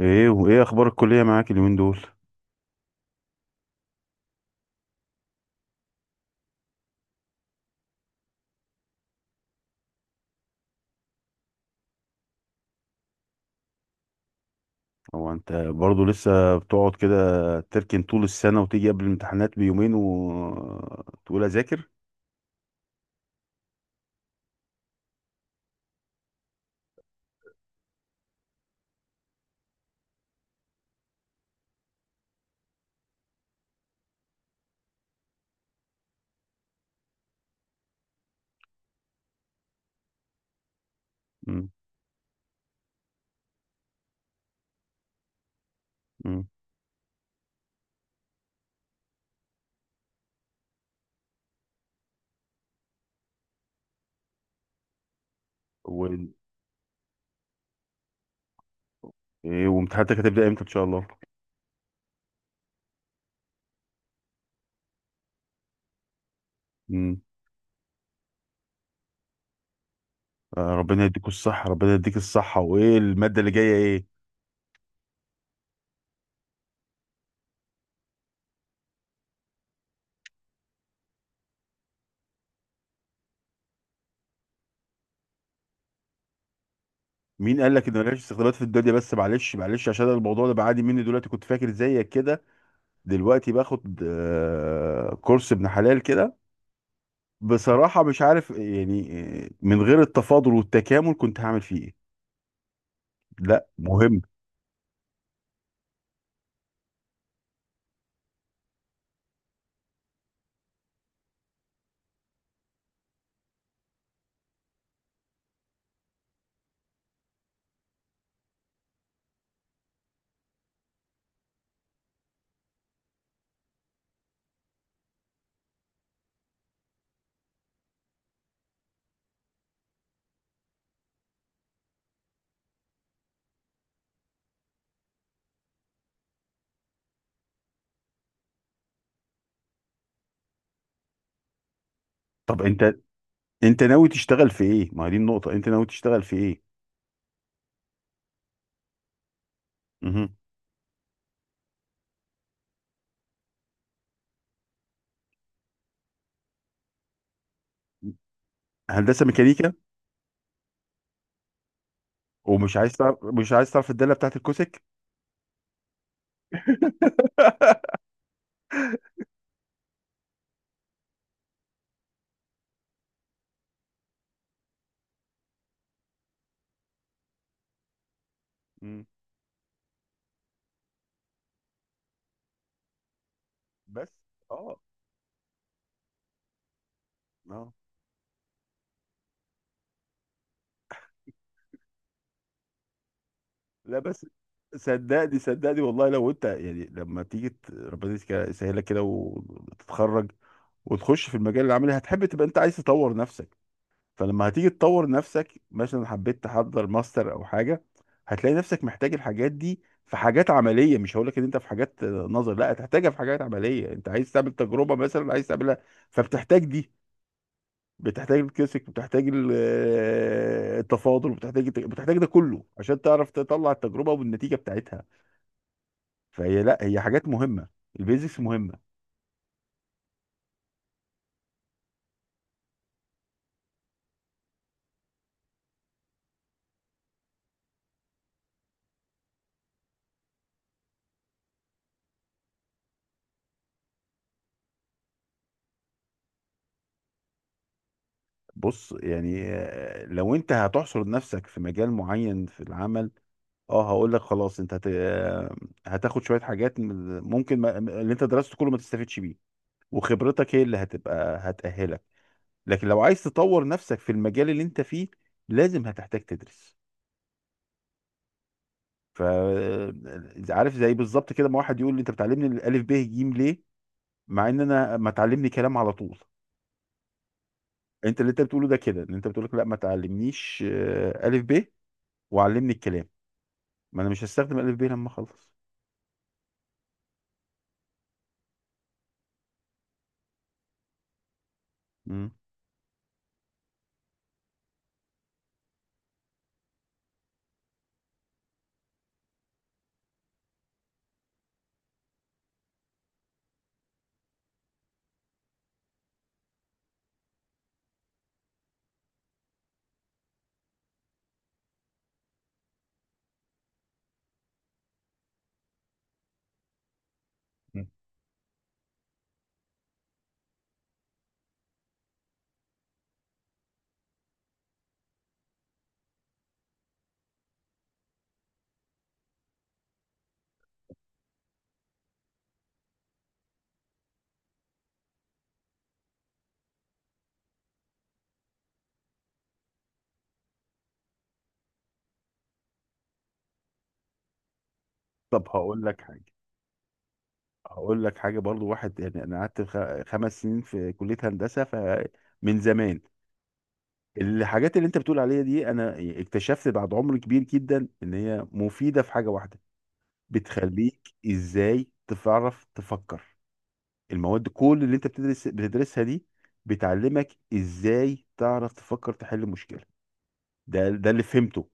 ايه، وايه اخبار الكلية معاك اليومين دول؟ هو انت برضو لسه بتقعد كده، تركن طول السنة وتيجي قبل الامتحانات بيومين وتقول اذاكر؟ مم. مم. و... إيه وامتحاناتك هتبدأ امتى ان شاء الله؟ مم. آه، ربنا يديكوا الصحة، ربنا يديك الصحة، وايه المادة اللي جاية ايه؟ مين قال لك ان ملهاش استخدامات في الدنيا؟ بس معلش معلش، عشان أنا الموضوع ده بعاني مني دلوقتي، كنت فاكر زيك كده. دلوقتي باخد كورس ابن حلال كده. بصراحة مش عارف يعني. من غير التفاضل والتكامل كنت هعمل فيه ايه؟ لا مهم. طب انت ناوي تشتغل في ايه؟ ما هي دي النقطة، انت ناوي تشتغل في ايه؟ مهم. هندسة ميكانيكا. ومش عايز تعرف، مش عايز تعرف الدالة بتاعت الكوسك؟ مم. بس اه، اه. لا بس صدقني، والله، لو انت يعني لما تيجي ربنا يسهلك كده وتتخرج، وتخش في المجال العملي، هتحب تبقى انت عايز تطور نفسك. فلما هتيجي تطور نفسك، مثلا حبيت تحضر ماستر او حاجه، هتلاقي نفسك محتاج الحاجات دي. في حاجات عمليه، مش هقول لك ان انت في حاجات نظر، لا هتحتاجها في حاجات عمليه، انت عايز تعمل تجربه مثلا، عايز تعملها. فبتحتاج دي، بتحتاج الكلاسيك، بتحتاج التفاضل، بتحتاج ده كله عشان تعرف تطلع التجربه والنتيجه بتاعتها. فهي لا هي حاجات مهمه، البيزكس مهمه. بص يعني، لو انت هتحصر نفسك في مجال معين في العمل، اه هقول لك خلاص، انت هت... آه، هتاخد شويه حاجات، ممكن ما... اللي انت درسته كله ما تستفيدش بيه، وخبرتك هي اللي هتبقى هتأهلك. لكن لو عايز تطور نفسك في المجال اللي انت فيه، لازم هتحتاج تدرس. ف آه، عارف زي بالظبط كده، ما واحد يقول لي انت بتعلمني الالف ب ج ليه، مع ان انا ما تعلمني كلام على طول. انت اللي انت بتقوله ده كده، ان انت بتقول لك لا ما تعلمنيش الف ب، وعلمني الكلام، ما انا مش هستخدم الف ب لما اخلص. مم. مم. طب هقول لك حاجه، برضو، واحد يعني، انا قعدت خمس سنين في كليه هندسه، فمن زمان الحاجات اللي انت بتقول عليها دي، انا اكتشفت بعد عمر كبير جدا ان هي مفيده في حاجه واحده: بتخليك ازاي تعرف تفكر. المواد كل اللي انت بتدرس بتدرسها دي، بتعلمك ازاي تعرف تفكر، تحل مشكله. ده اللي فهمته.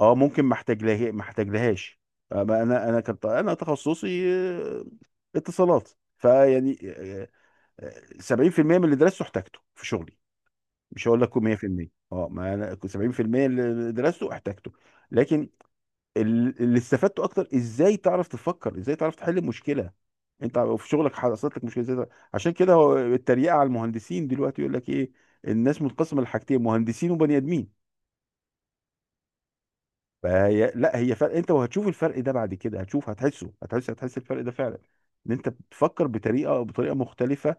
اه، ممكن ما احتاجلهاش. انا تخصصي آه، اتصالات. فيعني آه، 70% من اللي درسته احتاجته في شغلي، مش هقول لك 100%. اه، ما انا كنت 70% اللي درسته احتاجته. لكن اللي استفدته اكتر، ازاي تعرف تفكر، ازاي تعرف تحل المشكله. انت في شغلك حصلت لك مشكله، عشان كده، هو التريقه على المهندسين دلوقتي، يقول لك ايه، الناس منقسمه لحاجتين: مهندسين وبني ادمين. فهي لا هي فرق، انت وهتشوف الفرق ده بعد كده، هتحسه، هتحس الفرق ده فعلا، ان انت بتفكر بطريقه مختلفه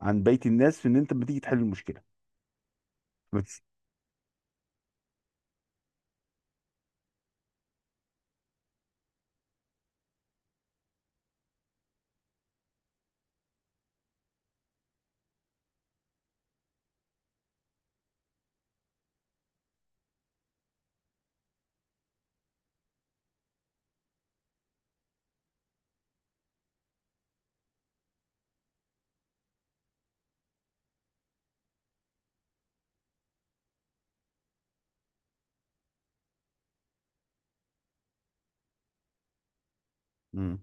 عن بقيه الناس في ان انت بتيجي تحل المشكله. مم.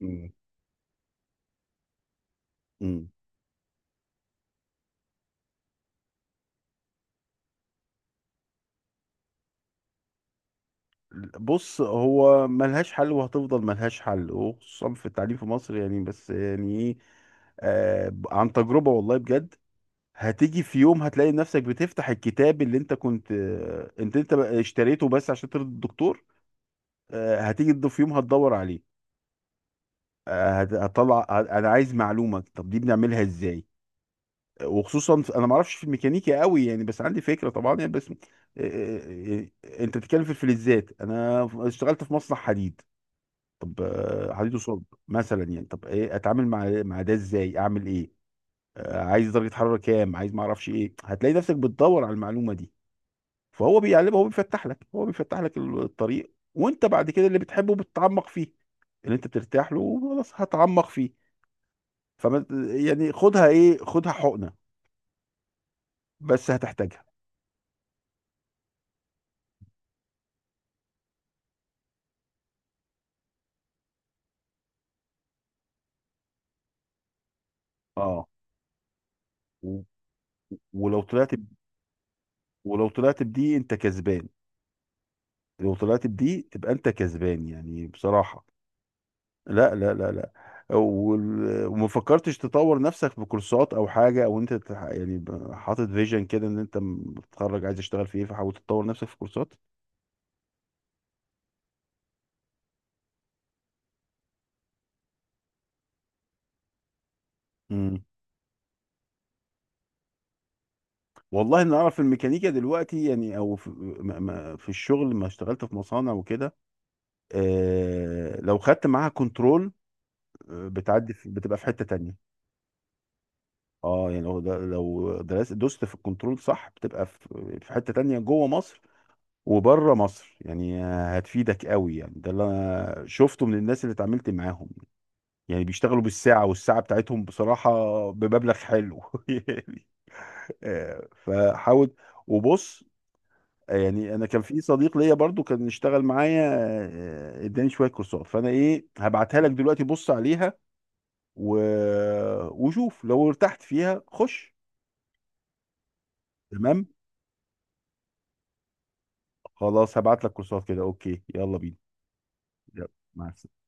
مم. مم. بص، هو ملهاش حل وهتفضل ملهاش حل، وخصوصا في التعليم في مصر يعني، بس يعني ايه، آه عن تجربة، والله بجد. هتيجي في يوم هتلاقي نفسك بتفتح الكتاب اللي انت كنت، انت بقى اشتريته بس عشان ترضي الدكتور. هتيجي في يوم هتدور عليه، انا عايز معلومة، طب دي بنعملها ازاي؟ وخصوصا انا ما اعرفش في الميكانيكا قوي يعني، بس عندي فكره طبعا يعني، بس آه، آه، آه، انت بتتكلم في الفلزات، انا اشتغلت في مصنع حديد. طب حديد وصلب مثلا يعني، طب ايه اتعامل مع ده ازاي، اعمل ايه؟ عايز درجه حراره كام، عايز ما اعرفش ايه، هتلاقي نفسك بتدور على المعلومه دي. فهو بيعلمك، هو بيفتح لك الطريق، وانت بعد كده اللي بتحبه بتتعمق فيه، اللي انت بترتاح له خلاص هتعمق فيه. فما يعني، خدها ايه، خدها حقنه، بس هتحتاجها. اه. ولو طلعت ب... ولو طلعت بدي انت كسبان، لو طلعت بدي تبقى انت كسبان يعني، بصراحة. لا، لا، لا، لا. وما فكرتش تطور نفسك بكورسات او حاجة، او انت يعني حاطط فيجن كده ان انت بتتخرج عايز تشتغل في ايه، فحاول تطور نفسك في كورسات. امم، والله، إن اعرف الميكانيكا دلوقتي يعني، او في، في الشغل ما اشتغلت في مصانع وكده. آه، لو خدت معاها كنترول، بتعدي بتبقى في حتة تانية. اه يعني هو ده، لو درست دوست في الكنترول صح، بتبقى في حتة تانية جوه مصر وبره مصر يعني، هتفيدك قوي يعني، ده اللي انا شفته من الناس اللي اتعاملت معاهم. يعني بيشتغلوا بالساعة، والساعة بتاعتهم بصراحة بمبلغ حلو يعني. فحاول. وبص، يعني انا كان في صديق ليا برضو كان اشتغل معايا، اداني شوية كورسات، فانا ايه، هبعتها لك دلوقتي بص عليها. و... وشوف لو ارتحت فيها خش. تمام، خلاص هبعت لك كورسات كده، اوكي، يلا بينا. يلا، مع السلامة.